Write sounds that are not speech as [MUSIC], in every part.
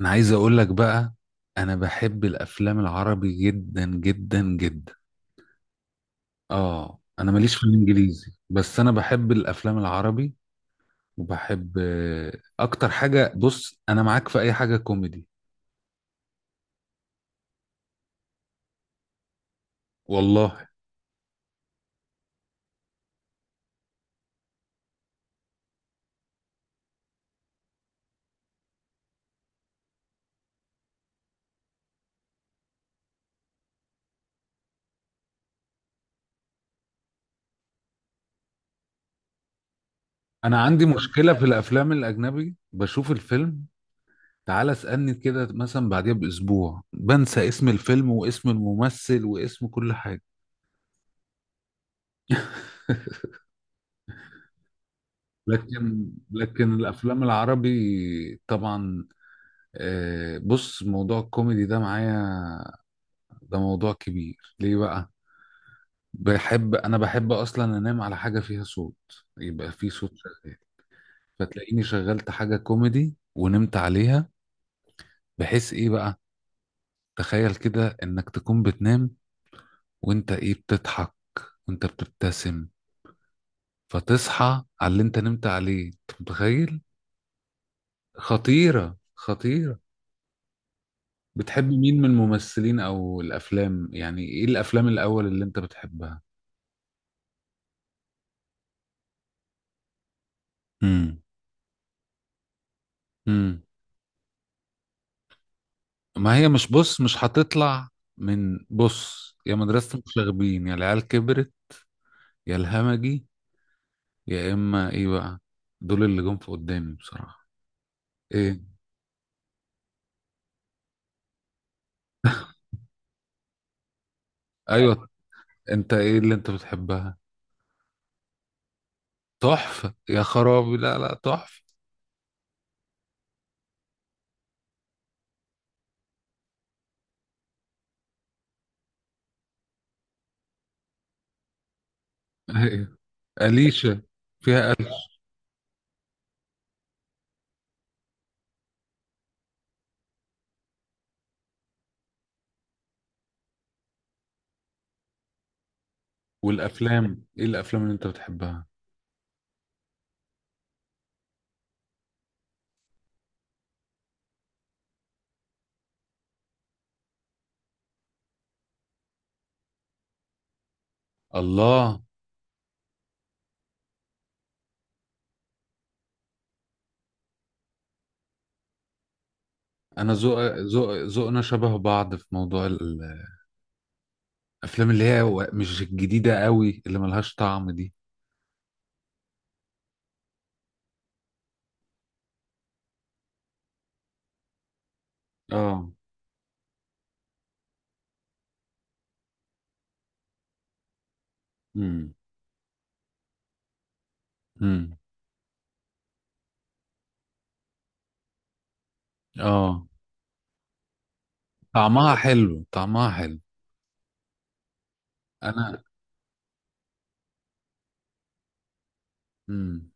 انا عايز اقول لك بقى، انا بحب الافلام العربي جدا جدا جدا. اه، انا ماليش في الانجليزي بس انا بحب الافلام العربي. وبحب اكتر حاجة، بص، انا معاك في اي حاجة كوميدي. والله. انا عندي مشكلة في الافلام الاجنبي، بشوف الفيلم، تعال اسألني كده مثلا بعديها باسبوع بنسى اسم الفيلم واسم الممثل واسم كل حاجة. [LAUGHS] لكن الافلام العربي، طبعا. بص، موضوع الكوميدي ده معايا، ده موضوع كبير ليه بقى. بحب اصلا انام على حاجه فيها صوت، يبقى في صوت شغال، فتلاقيني شغلت حاجه كوميدي ونمت عليها. بحيث ايه بقى؟ تخيل كده انك تكون بتنام وانت ايه بتضحك وانت بتبتسم، فتصحى على اللي انت نمت عليه، انت متخيل؟ خطيره، خطيره. بتحب مين من الممثلين او الافلام؟ يعني ايه الافلام الاول اللي انت بتحبها؟ امم امم ما هي مش، بص، مش هتطلع. من، بص، يا مدرسة المشاغبين، يا العيال كبرت، يا الهمجي، يا اما ايه بقى، دول اللي جم في قدامي بصراحة. ايه. ايوه. انت ايه اللي انت بتحبها؟ تحفة يا خرابي، لا لا، تحفة. [LAUGHS] ايوه. أليشة فيها ألف. والافلام، ايه الافلام اللي انت بتحبها؟ الله. انا ذوقنا شبه بعض في موضوع الافلام اللي هي مش الجديدة قوي اللي ملهاش طعم دي. اه. امم امم اه، طعمها حلو طعمها حلو. انا امم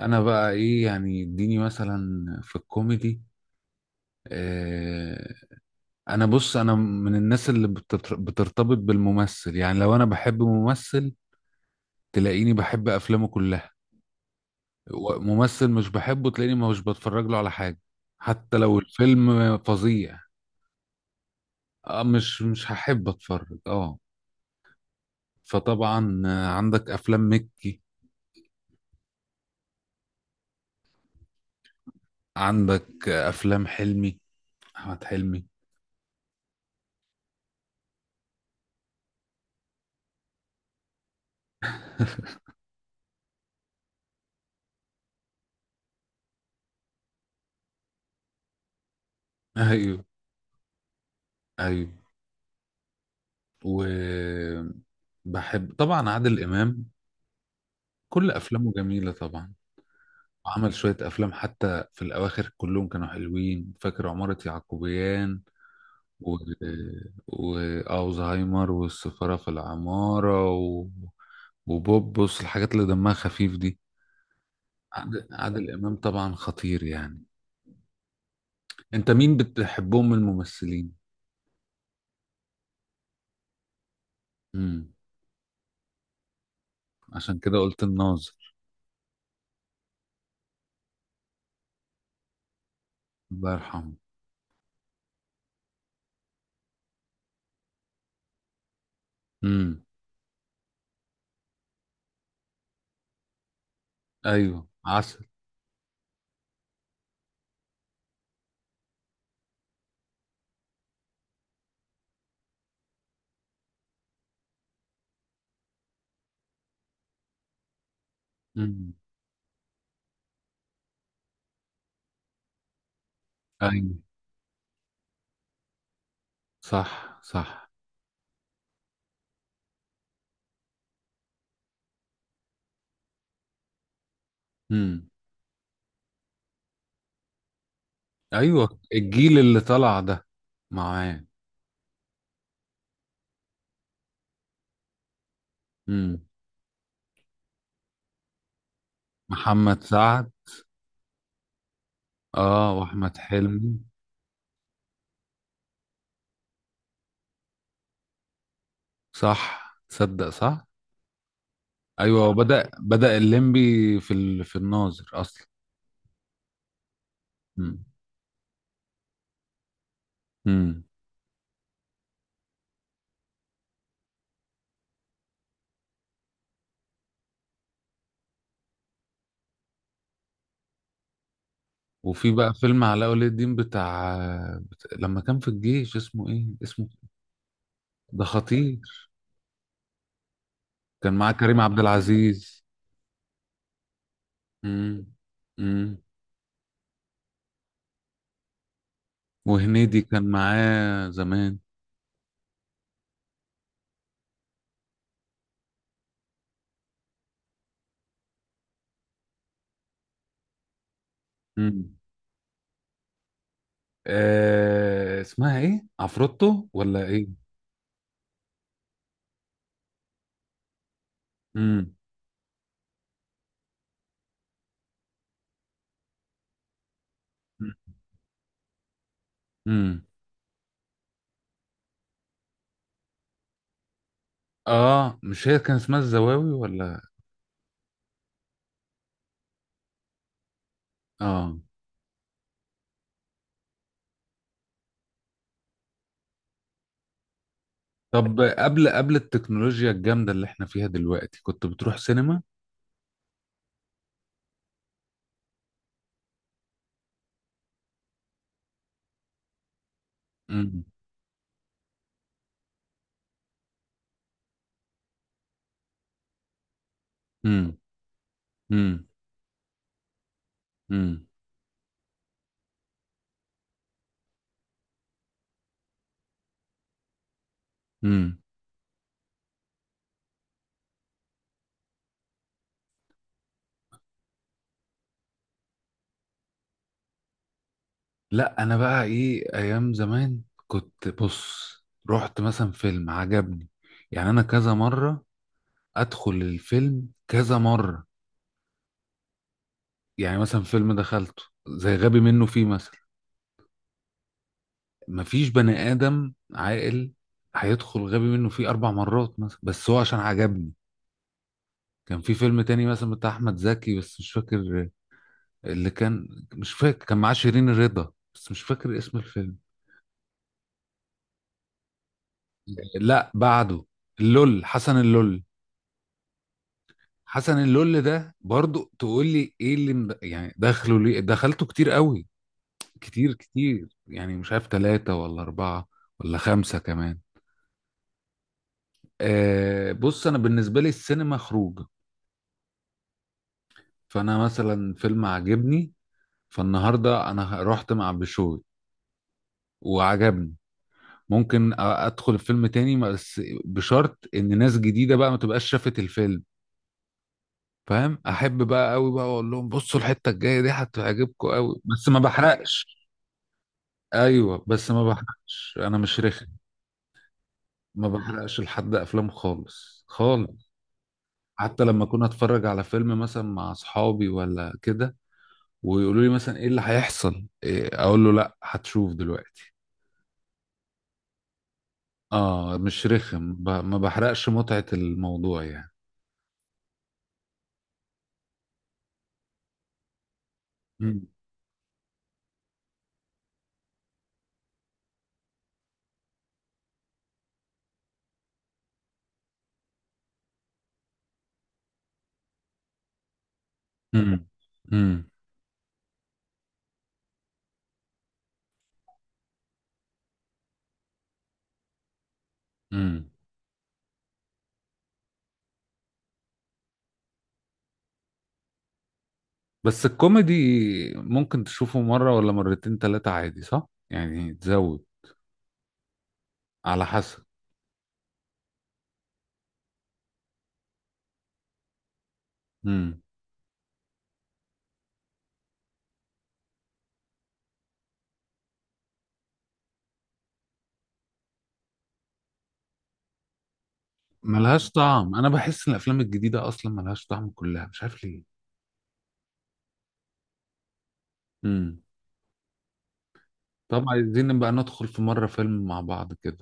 انا بقى ايه يعني؟ اديني مثلا في الكوميدي. آه انا، بص، انا من الناس اللي بترتبط بالممثل. يعني لو انا بحب ممثل تلاقيني بحب افلامه كلها. ممثل مش بحبه تلاقيني مش بتفرج له على حاجة حتى لو الفيلم فظيع. آه، مش هحب اتفرج، اه. فطبعا عندك افلام مكي، عندك افلام حلمي، احمد حلمي. [LAUGHS] ايوه، ايوه. وبحب طبعا عادل امام، كل افلامه جميله طبعا. عمل شويه افلام حتى في الاواخر كلهم كانوا حلوين، فاكر عماره يعقوبيان و... واوزهايمر والسفاره في العماره وبوبوس، الحاجات اللي دمها خفيف دي. عادل امام طبعا خطير يعني. انت مين بتحبهم من الممثلين؟ امم عشان كده قلت الناظر. الله يرحمه. مم. ايوه، عسل. امم ايوه، صح صح. امم ايوه، الجيل اللي طلع ده معاه. امم محمد سعد. اه، واحمد حلمي. صح، تصدق، صح. ايوه، هو بدأ الليمبي في الناظر اصلا. امم امم وفي بقى فيلم علاء ولي الدين بتاع لما كان في الجيش، اسمه ايه، اسمه؟ ده خطير. كان معاه كريم عبد العزيز. امم إمم. وهنيدي كان معاه زمان. امم آه، اسمها ايه، عفروتو ولا ايه؟ امم امم اه، مش هي كان اسمها الزواوي ولا؟ اه. طب، قبل التكنولوجيا الجامدة اللي احنا فيها دلوقتي كنت بتروح سينما؟ امم امم امم امم امم لا، انا بقى ايه، ايام زمان كنت، بص، رحت مثلا فيلم عجبني، يعني انا كذا مرة ادخل الفيلم كذا مرة. يعني مثلا فيلم دخلته زي غبي منه فيه مثلا، مفيش بني آدم عاقل هيدخل غبي منه فيه 4 مرات مثلا بس هو عشان عجبني. كان في فيلم تاني مثلا بتاع أحمد زكي بس مش فاكر اللي كان، مش فاكر كان معاه شيرين الرضا بس مش فاكر اسم الفيلم. لا، بعده. اللول، حسن اللول. حسن اللول ده برضو تقول لي ايه اللي يعني دخله ليه؟ دخلته كتير قوي، كتير كتير، يعني مش عارف ثلاثة ولا أربعة ولا خمسة كمان. بص، انا بالنسبه لي السينما خروج. فانا مثلا فيلم عجبني، فالنهارده انا رحت مع بشوي وعجبني، ممكن ادخل الفيلم تاني بس بشرط ان ناس جديده بقى ما تبقاش شافت الفيلم. فاهم؟ احب بقى قوي بقى اقول لهم، بصوا الحته الجايه دي هتعجبكم قوي، بس ما بحرقش. ايوه، بس ما بحرقش، انا مش رخم. ما بحرقش لحد افلام خالص خالص. حتى لما كنا اتفرج على فيلم مثلا مع اصحابي ولا كده ويقولوا لي مثلا ايه اللي هيحصل إيه، اقول له لا، هتشوف دلوقتي. اه، مش رخم، ما بحرقش متعة الموضوع يعني. مم. مم. مم. مم. بس الكوميدي ممكن تشوفه مرة ولا مرتين تلاتة عادي، صح؟ يعني تزود. على حسب. مم. ملهاش طعم، انا بحس ان الافلام الجديدة اصلا ملهاش طعم كلها، مش عارف ليه. مم. طب عايزين نبقى ندخل في مرة فيلم مع بعض كده؟